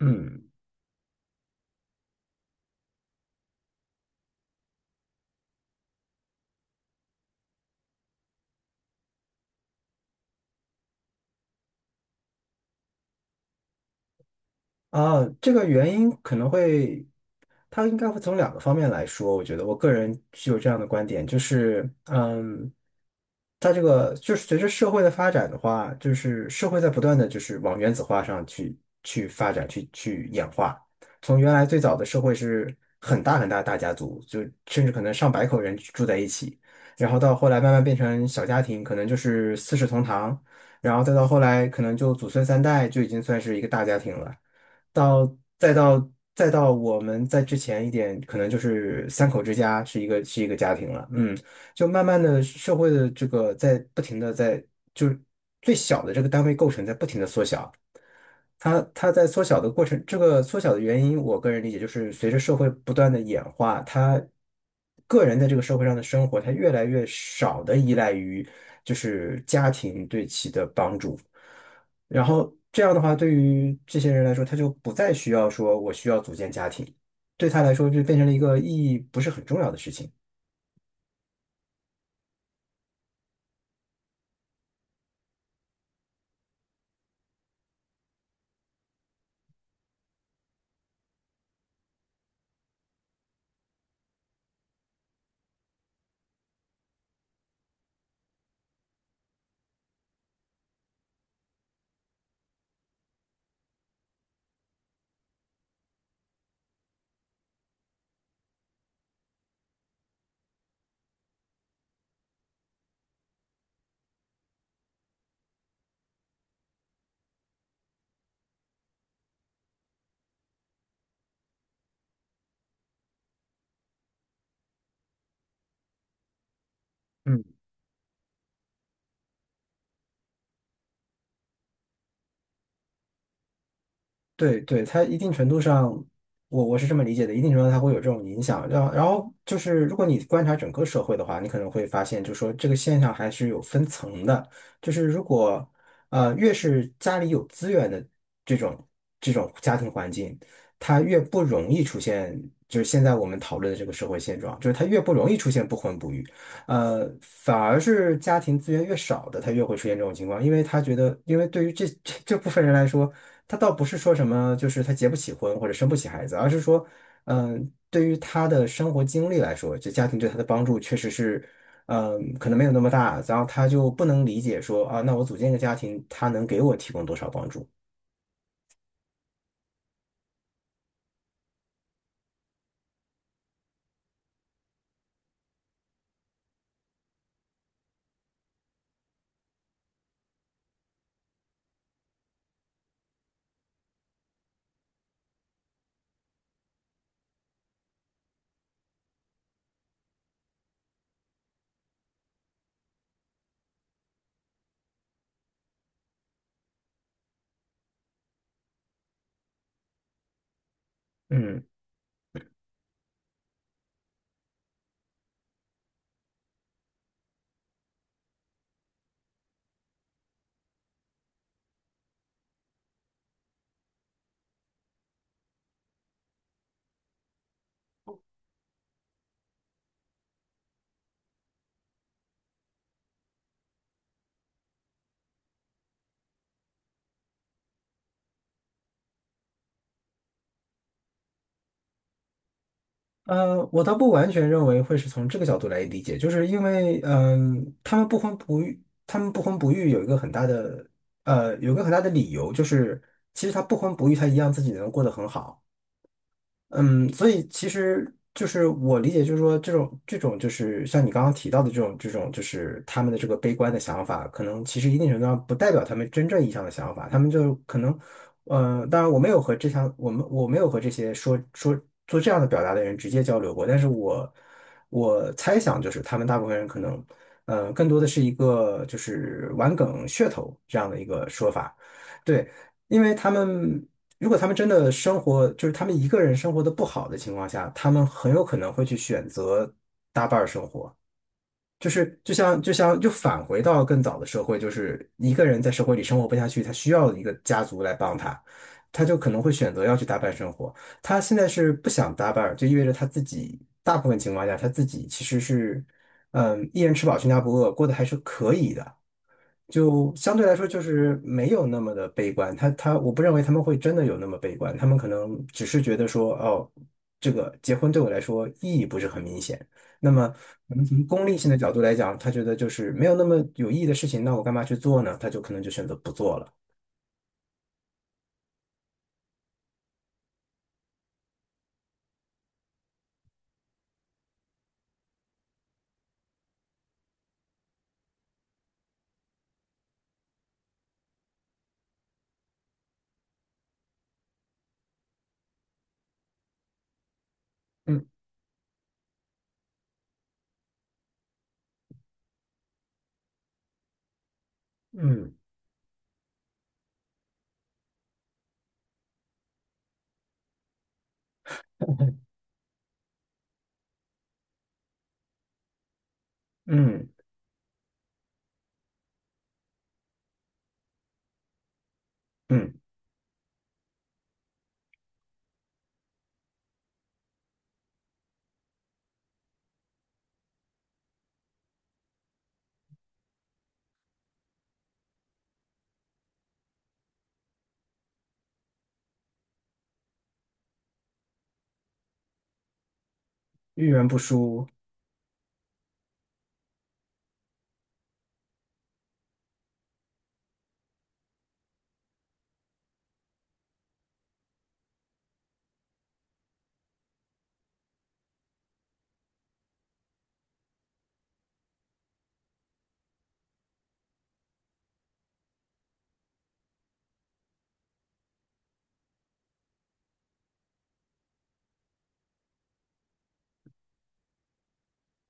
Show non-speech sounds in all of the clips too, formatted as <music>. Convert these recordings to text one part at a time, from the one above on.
嗯，这个原因可能会，它应该会从两个方面来说。我觉得我个人具有这样的观点，就是，它这个就是随着社会的发展的话，就是社会在不断的就是往原子化上去发展，去演化。从原来最早的社会是很大的大家族，就甚至可能上百口人住在一起，然后到后来慢慢变成小家庭，可能就是四世同堂。然后再到后来可能就祖孙三代就已经算是一个大家庭了，到再到再到我们在之前一点，可能就是三口之家是一个家庭了，嗯。就慢慢的社会的这个在不停的在就是最小的这个单位构成在不停的缩小，它在缩小的过程，这个缩小的原因，我个人理解就是随着社会不断的演化，它个人在这个社会上的生活，它越来越少的依赖于就是家庭对其的帮助，然后这样的话，对于这些人来说，他就不再需要说我需要组建家庭，对他来说就变成了一个意义不是很重要的事情。嗯。对对，它一定程度上，我是这么理解的，一定程度上它会有这种影响。然后，然后就是，如果你观察整个社会的话，你可能会发现，就说这个现象还是有分层的。就是如果越是家里有资源的这种这种家庭环境，它越不容易出现，就是现在我们讨论的这个社会现状，就是它越不容易出现不婚不育。反而是家庭资源越少的，他越会出现这种情况，因为他觉得，因为对于这 <laughs> 这部分人来说。他倒不是说什么，就是他结不起婚或者生不起孩子，而是说，对于他的生活经历来说，就家庭对他的帮助确实是，可能没有那么大，然后他就不能理解说啊，那我组建一个家庭，他能给我提供多少帮助？嗯，我倒不完全认为会是从这个角度来理解，就是因为，他们不婚不育，他们不婚不育有一个很大的，有一个很大的理由，就是其实他不婚不育，他一样自己能过得很好。嗯，所以其实就是我理解，就是说这种就是像你刚刚提到的这种，就是他们的这个悲观的想法，可能其实一定程度上不代表他们真正意义上的想法，他们就可能，当然我没有和这项我没有和这些做这样的表达的人直接交流过，但是我猜想就是他们大部分人可能，更多的是一个就是玩梗噱头这样的一个说法，对。因为他们如果他们真的生活，就是他们一个人生活的不好的情况下，他们很有可能会去选择搭伴儿生活。就是就像就返回到更早的社会，就是一个人在社会里生活不下去，他需要一个家族来帮他，他就可能会选择要去搭伴生活。他现在是不想搭伴儿，就意味着他自己大部分情况下他自己其实是，嗯，一人吃饱全家不饿，过得还是可以的。就相对来说就是没有那么的悲观。他他，我不认为他们会真的有那么悲观，他们可能只是觉得说，哦，这个结婚对我来说意义不是很明显。那么，可能从功利性的角度来讲，他觉得就是没有那么有意义的事情，那我干嘛去做呢？他就可能就选择不做了。嗯嗯嗯嗯，遇人不淑。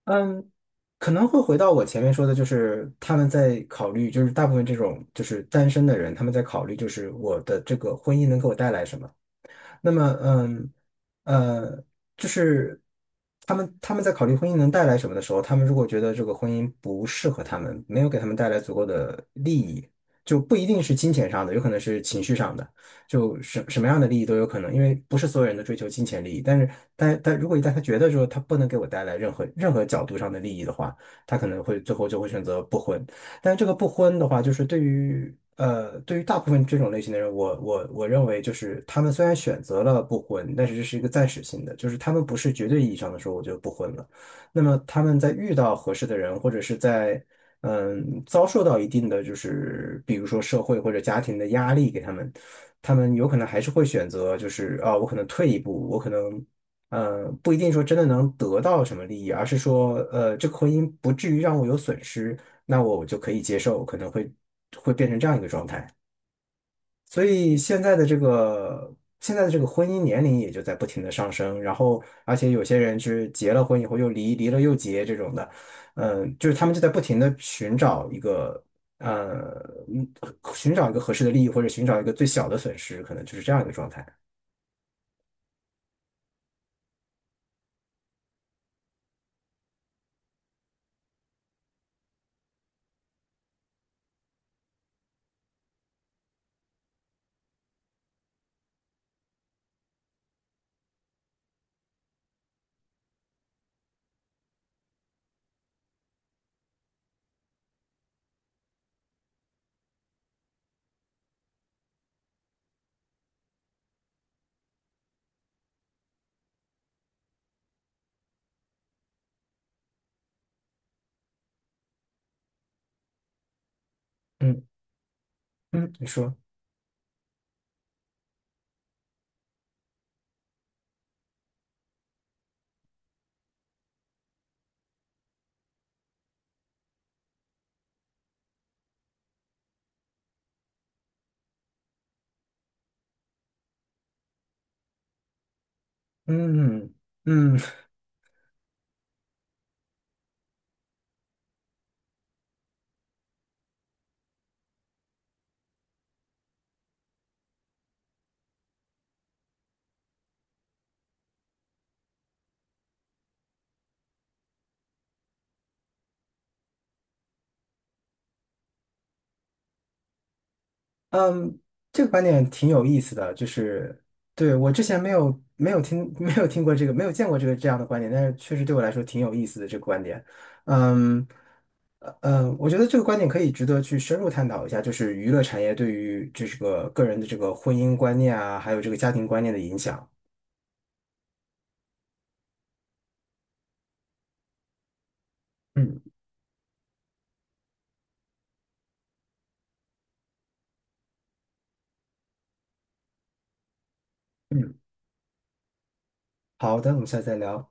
嗯，可能会回到我前面说的，就是他们在考虑，就是大部分这种就是单身的人，他们在考虑，就是我的这个婚姻能给我带来什么。那么，呃，就是他们在考虑婚姻能带来什么的时候，他们如果觉得这个婚姻不适合他们，没有给他们带来足够的利益，就不一定是金钱上的，有可能是情绪上的，就什么样的利益都有可能，因为不是所有人都追求金钱利益。但是，但如果一旦他觉得说他不能给我带来任何角度上的利益的话，他可能会最后就会选择不婚。但是这个不婚的话，就是对于对于大部分这种类型的人，我认为就是他们虽然选择了不婚，但是这是一个暂时性的，就是他们不是绝对意义上的说我就不婚了。那么他们在遇到合适的人，或者是在遭受到一定的就是比如说社会或者家庭的压力给他们，他们有可能还是会选择就是啊，我可能退一步，我可能。不一定说真的能得到什么利益，而是说，这个婚姻不至于让我有损失，那我就可以接受，可能会变成这样一个状态。所以现在的这个婚姻年龄也就在不停的上升，然后而且有些人是结了婚以后又离，离了又结这种的，嗯，就是他们就在不停的寻找一个呃嗯寻找一个合适的利益或者寻找一个最小的损失，可能就是这样一个状态。嗯嗯，你说，嗯嗯。嗯，这个观点挺有意思的，就是对我之前没有听 <laughs> 没有听过这个没有见过这个这样的观点，但是确实对我来说挺有意思的这个观点。嗯，我觉得这个观点可以值得去深入探讨一下，就是娱乐产业对于这个个人的这个婚姻观念啊，还有这个家庭观念的影响。嗯嗯，好的，我们下次再聊。